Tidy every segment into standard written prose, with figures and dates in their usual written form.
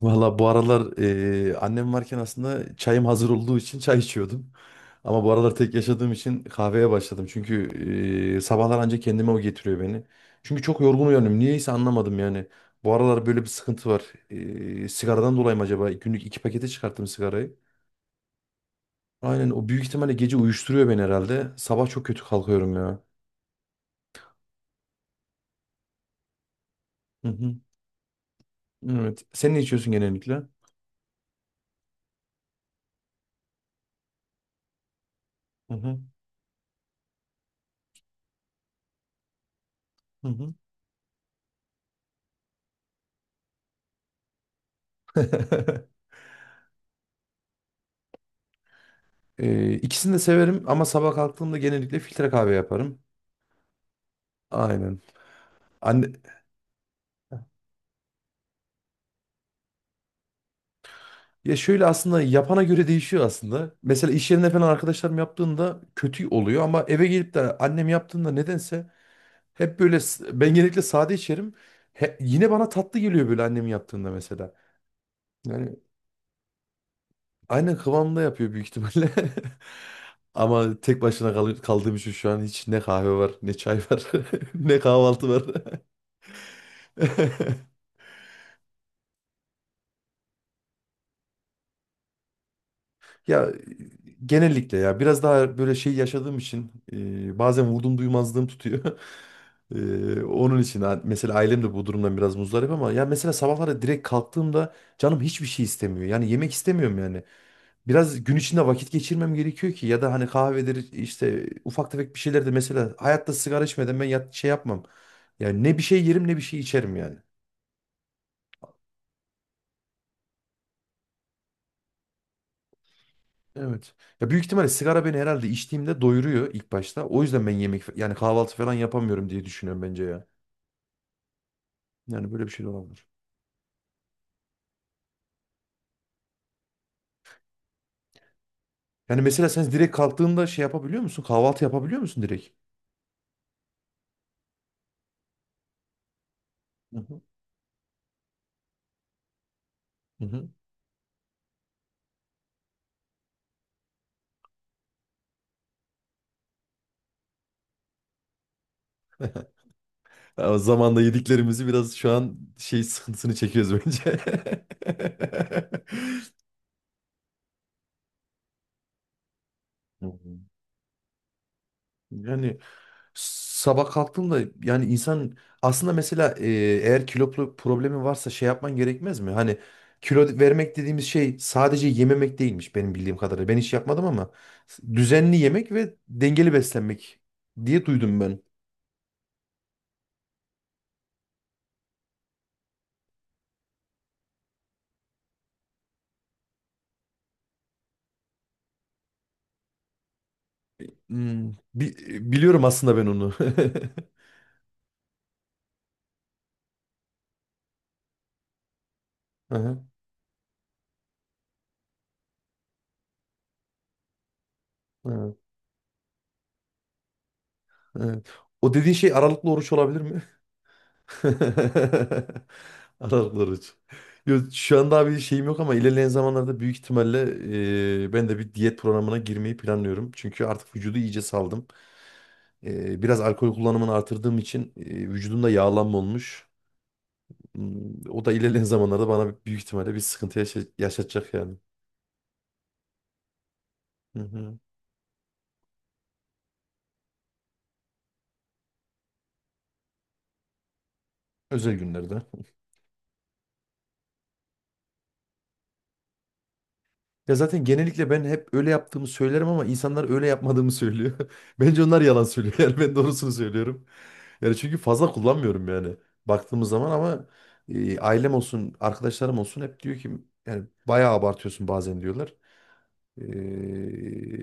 Valla bu aralar annem varken aslında çayım hazır olduğu için çay içiyordum. Ama bu aralar tek yaşadığım için kahveye başladım. Çünkü sabahlar ancak kendime o getiriyor beni. Çünkü çok yorgun uyanıyorum. Niyeyse anlamadım yani. Bu aralar böyle bir sıkıntı var. Sigaradan dolayı mı acaba? Günlük iki pakete çıkarttım sigarayı. Aynen o büyük ihtimalle gece uyuşturuyor beni herhalde. Sabah çok kötü kalkıyorum ya. Hı hı. Evet. Sen ne içiyorsun genellikle? Hı hı. Hı hı. İkisini de severim ama sabah kalktığımda genellikle filtre kahve yaparım. Aynen. Anne, ya şöyle aslında yapana göre değişiyor aslında. Mesela iş yerinde falan arkadaşlarım yaptığında kötü oluyor ama eve gelip de annem yaptığında nedense hep böyle ben genellikle sade içerim. Yine bana tatlı geliyor böyle annem yaptığında mesela. Yani aynen kıvamında yapıyor büyük ihtimalle. Ama tek başına kaldığım için şu an hiç ne kahve var, ne çay var, ne kahvaltı var. Ya genellikle ya biraz daha böyle şey yaşadığım için bazen vurdum duymazlığım tutuyor. Onun için mesela ailem de bu durumdan biraz muzdarip ama ya mesela sabahları direkt kalktığımda canım hiçbir şey istemiyor. Yani yemek istemiyorum yani. Biraz gün içinde vakit geçirmem gerekiyor ki ya da hani kahvedir işte ufak tefek bir şeyler de mesela hayatta sigara içmeden ben yat, şey yapmam. Yani ne bir şey yerim ne bir şey içerim yani. Evet. Ya büyük ihtimalle sigara beni herhalde içtiğimde doyuruyor ilk başta. O yüzden ben yemek yani kahvaltı falan yapamıyorum diye düşünüyorum bence ya. Yani böyle bir şey de olabilir. Yani mesela sen direkt kalktığında şey yapabiliyor musun? Kahvaltı yapabiliyor musun direkt? Hı hı. Hı hı. Ya o zaman da yediklerimizi biraz şu an şey sıkıntısını çekiyoruz bence. Hı hı. Yani sabah kalktığımda yani insan aslında mesela eğer kilo problemi varsa şey yapman gerekmez mi? Hani kilo vermek dediğimiz şey sadece yememek değilmiş benim bildiğim kadarıyla. Ben hiç yapmadım ama düzenli yemek ve dengeli beslenmek diye duydum ben. Hmm, bi- biliyorum aslında ben onu. Aha, evet, evet. O dediğin şey aralıklı oruç olabilir Anadolu Aruç. Yo, şu anda bir şeyim yok ama ilerleyen zamanlarda büyük ihtimalle ben de bir diyet programına girmeyi planlıyorum. Çünkü artık vücudu iyice saldım. Biraz alkol kullanımını artırdığım için vücudumda yağlanma olmuş. O da ilerleyen zamanlarda bana büyük ihtimalle bir sıkıntı yaşatacak yani. Hı hı. Özel günlerde. Ya zaten genellikle ben hep öyle yaptığımı söylerim ama insanlar öyle yapmadığımı söylüyor. Bence onlar yalan söylüyor. Yani ben doğrusunu söylüyorum. Yani çünkü fazla kullanmıyorum yani baktığımız zaman ama ailem olsun, arkadaşlarım olsun hep diyor ki yani bayağı abartıyorsun bazen diyorlar.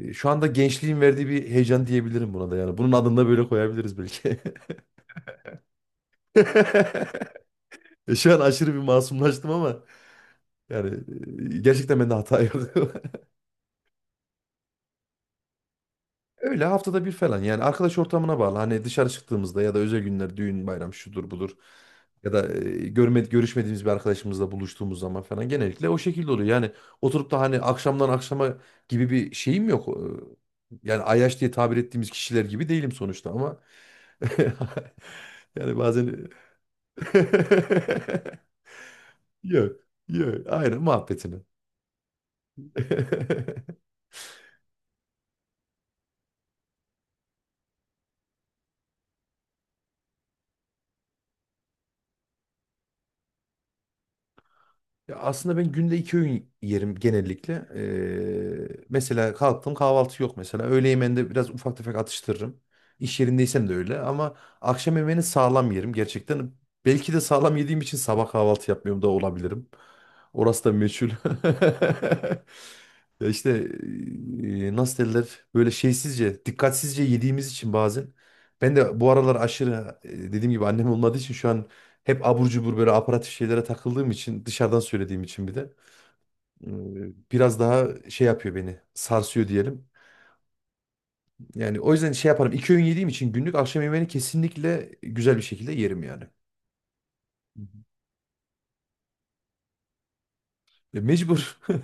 Şu anda gençliğin verdiği bir heyecan diyebilirim buna da yani. Bunun adını da böyle koyabiliriz belki. Şu an aşırı bir masumlaştım ama yani gerçekten bende hata yok. Öyle haftada bir falan yani arkadaş ortamına bağlı. Hani dışarı çıktığımızda ya da özel günler, düğün, bayram şudur budur. Ya da görüşmediğimiz bir arkadaşımızla buluştuğumuz zaman falan genellikle o şekilde oluyor. Yani oturup da hani akşamdan akşama gibi bir şeyim yok. Yani ayyaş diye tabir ettiğimiz kişiler gibi değilim sonuçta ama yani bazen yok yok aynen muhabbetini. Ya aslında ben günde iki öğün yerim genellikle. Mesela kalktım kahvaltı yok mesela. Öğle yemeğinde biraz ufak tefek atıştırırım. İş yerindeysem de öyle ama akşam yemeğini sağlam yerim gerçekten. Belki de sağlam yediğim için sabah kahvaltı yapmıyorum da olabilirim. Orası da meçhul. Ya işte nasıl derler böyle şeysizce, dikkatsizce yediğimiz için bazen. Ben de bu aralar aşırı dediğim gibi annem olmadığı için şu an hep abur cubur böyle aparatif şeylere takıldığım için dışarıdan söylediğim için bir de e, biraz daha şey yapıyor beni sarsıyor diyelim. Yani o yüzden şey yaparım iki öğün yediğim için günlük akşam yemeğini kesinlikle güzel bir şekilde yerim yani. Mecbur.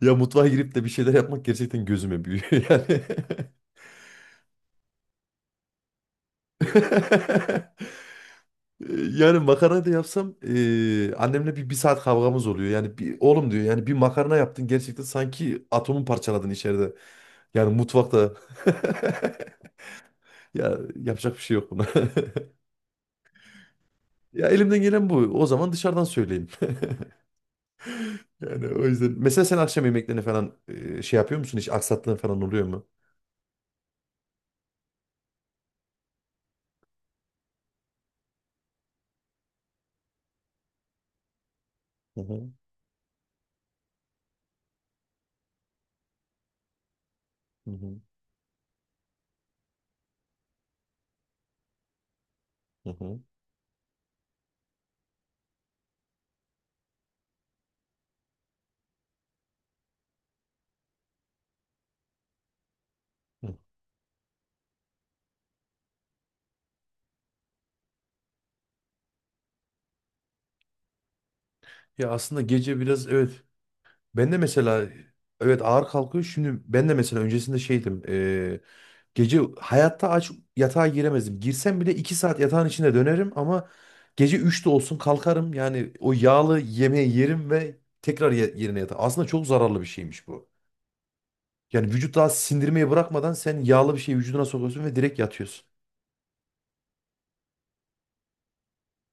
Ya mutfağa girip de bir şeyler yapmak gerçekten gözüme büyüyor yani. Ee, Yani makarna da yapsam annemle bir saat kavgamız oluyor. Yani bir, oğlum diyor yani bir makarna yaptın gerçekten sanki atomu parçaladın içeride. Yani mutfakta. Ya yapacak bir şey yok buna. Ya elimden gelen bu. O zaman dışarıdan söyleyeyim. Yani o yüzden. Mesela sen akşam yemeklerini falan şey yapıyor musun? Hiç aksattığın falan oluyor mu? Hı hı. Hı hı. Hı hı. hı. Ya aslında gece biraz evet. Ben de mesela evet ağır kalkıyor. Şimdi ben de mesela öncesinde şeydim. Gece hayatta aç yatağa giremezdim. Girsem bile 2 saat yatağın içinde dönerim ama gece üçte olsun kalkarım. Yani o yağlı yemeği yerim ve tekrar yerine yatarım. Aslında çok zararlı bir şeymiş bu. Yani vücut daha sindirmeyi bırakmadan sen yağlı bir şeyi vücuduna sokuyorsun ve direkt yatıyorsun.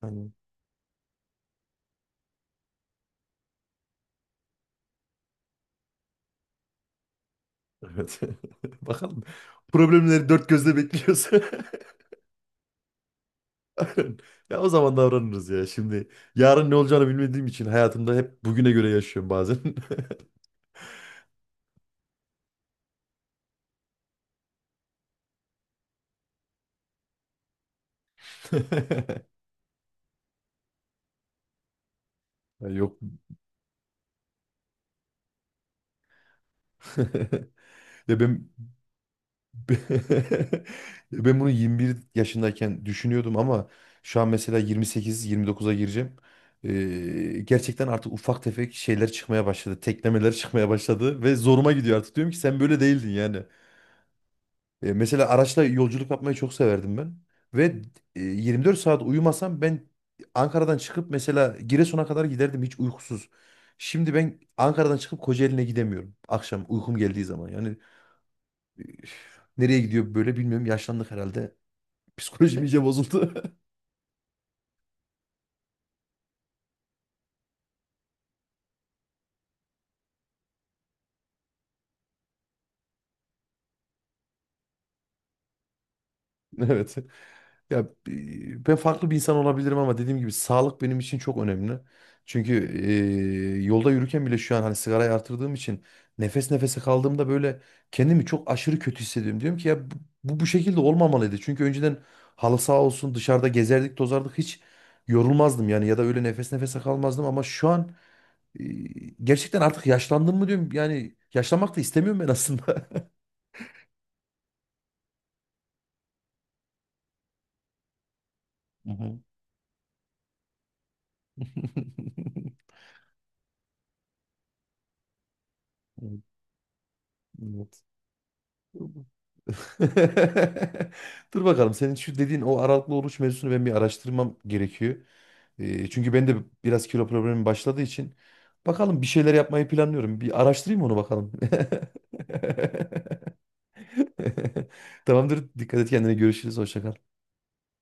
Hani evet. Bakalım. Problemleri dört gözle bekliyorsun. Aynen. Ya o zaman davranırız ya. Şimdi yarın ne olacağını bilmediğim için hayatımda hep bugüne göre yaşıyorum bazen. Ya yok. Ya ben Ya ben bunu 21 yaşındayken düşünüyordum ama şu an mesela 28-29'a gireceğim. Gerçekten artık ufak tefek şeyler çıkmaya başladı. Teklemeler çıkmaya başladı ve zoruma gidiyor artık. Diyorum ki sen böyle değildin yani. Mesela araçla yolculuk yapmayı çok severdim ben. Ve 24 saat uyumasam ben Ankara'dan çıkıp mesela Giresun'a kadar giderdim hiç uykusuz. Şimdi ben Ankara'dan çıkıp Kocaeli'ne gidemiyorum. Akşam uykum geldiği zaman. Yani üf, nereye gidiyor böyle bilmiyorum. Yaşlandık herhalde. Psikolojim iyice bozuldu. Evet. Ya ben farklı bir insan olabilirim ama dediğim gibi sağlık benim için çok önemli. Çünkü yolda yürürken bile şu an hani sigarayı artırdığım için nefes nefese kaldığımda böyle kendimi çok aşırı kötü hissediyorum. Diyorum ki ya bu şekilde olmamalıydı. Çünkü önceden halı saha olsun dışarıda gezerdik tozardık hiç yorulmazdım yani ya da öyle nefes nefese kalmazdım ama şu an e, gerçekten artık yaşlandım mı diyorum yani yaşlanmak da istemiyorum ben aslında. Hı hı. Evet. evet. Dur bakalım senin şu dediğin o aralıklı oruç mevzusunu ben bir araştırmam gerekiyor. Çünkü ben de biraz kilo problemim başladığı için bakalım bir şeyler yapmayı planlıyorum. Bir araştırayım onu bakalım. Tamamdır. Dikkat et kendine. Görüşürüz. Hoşça kal.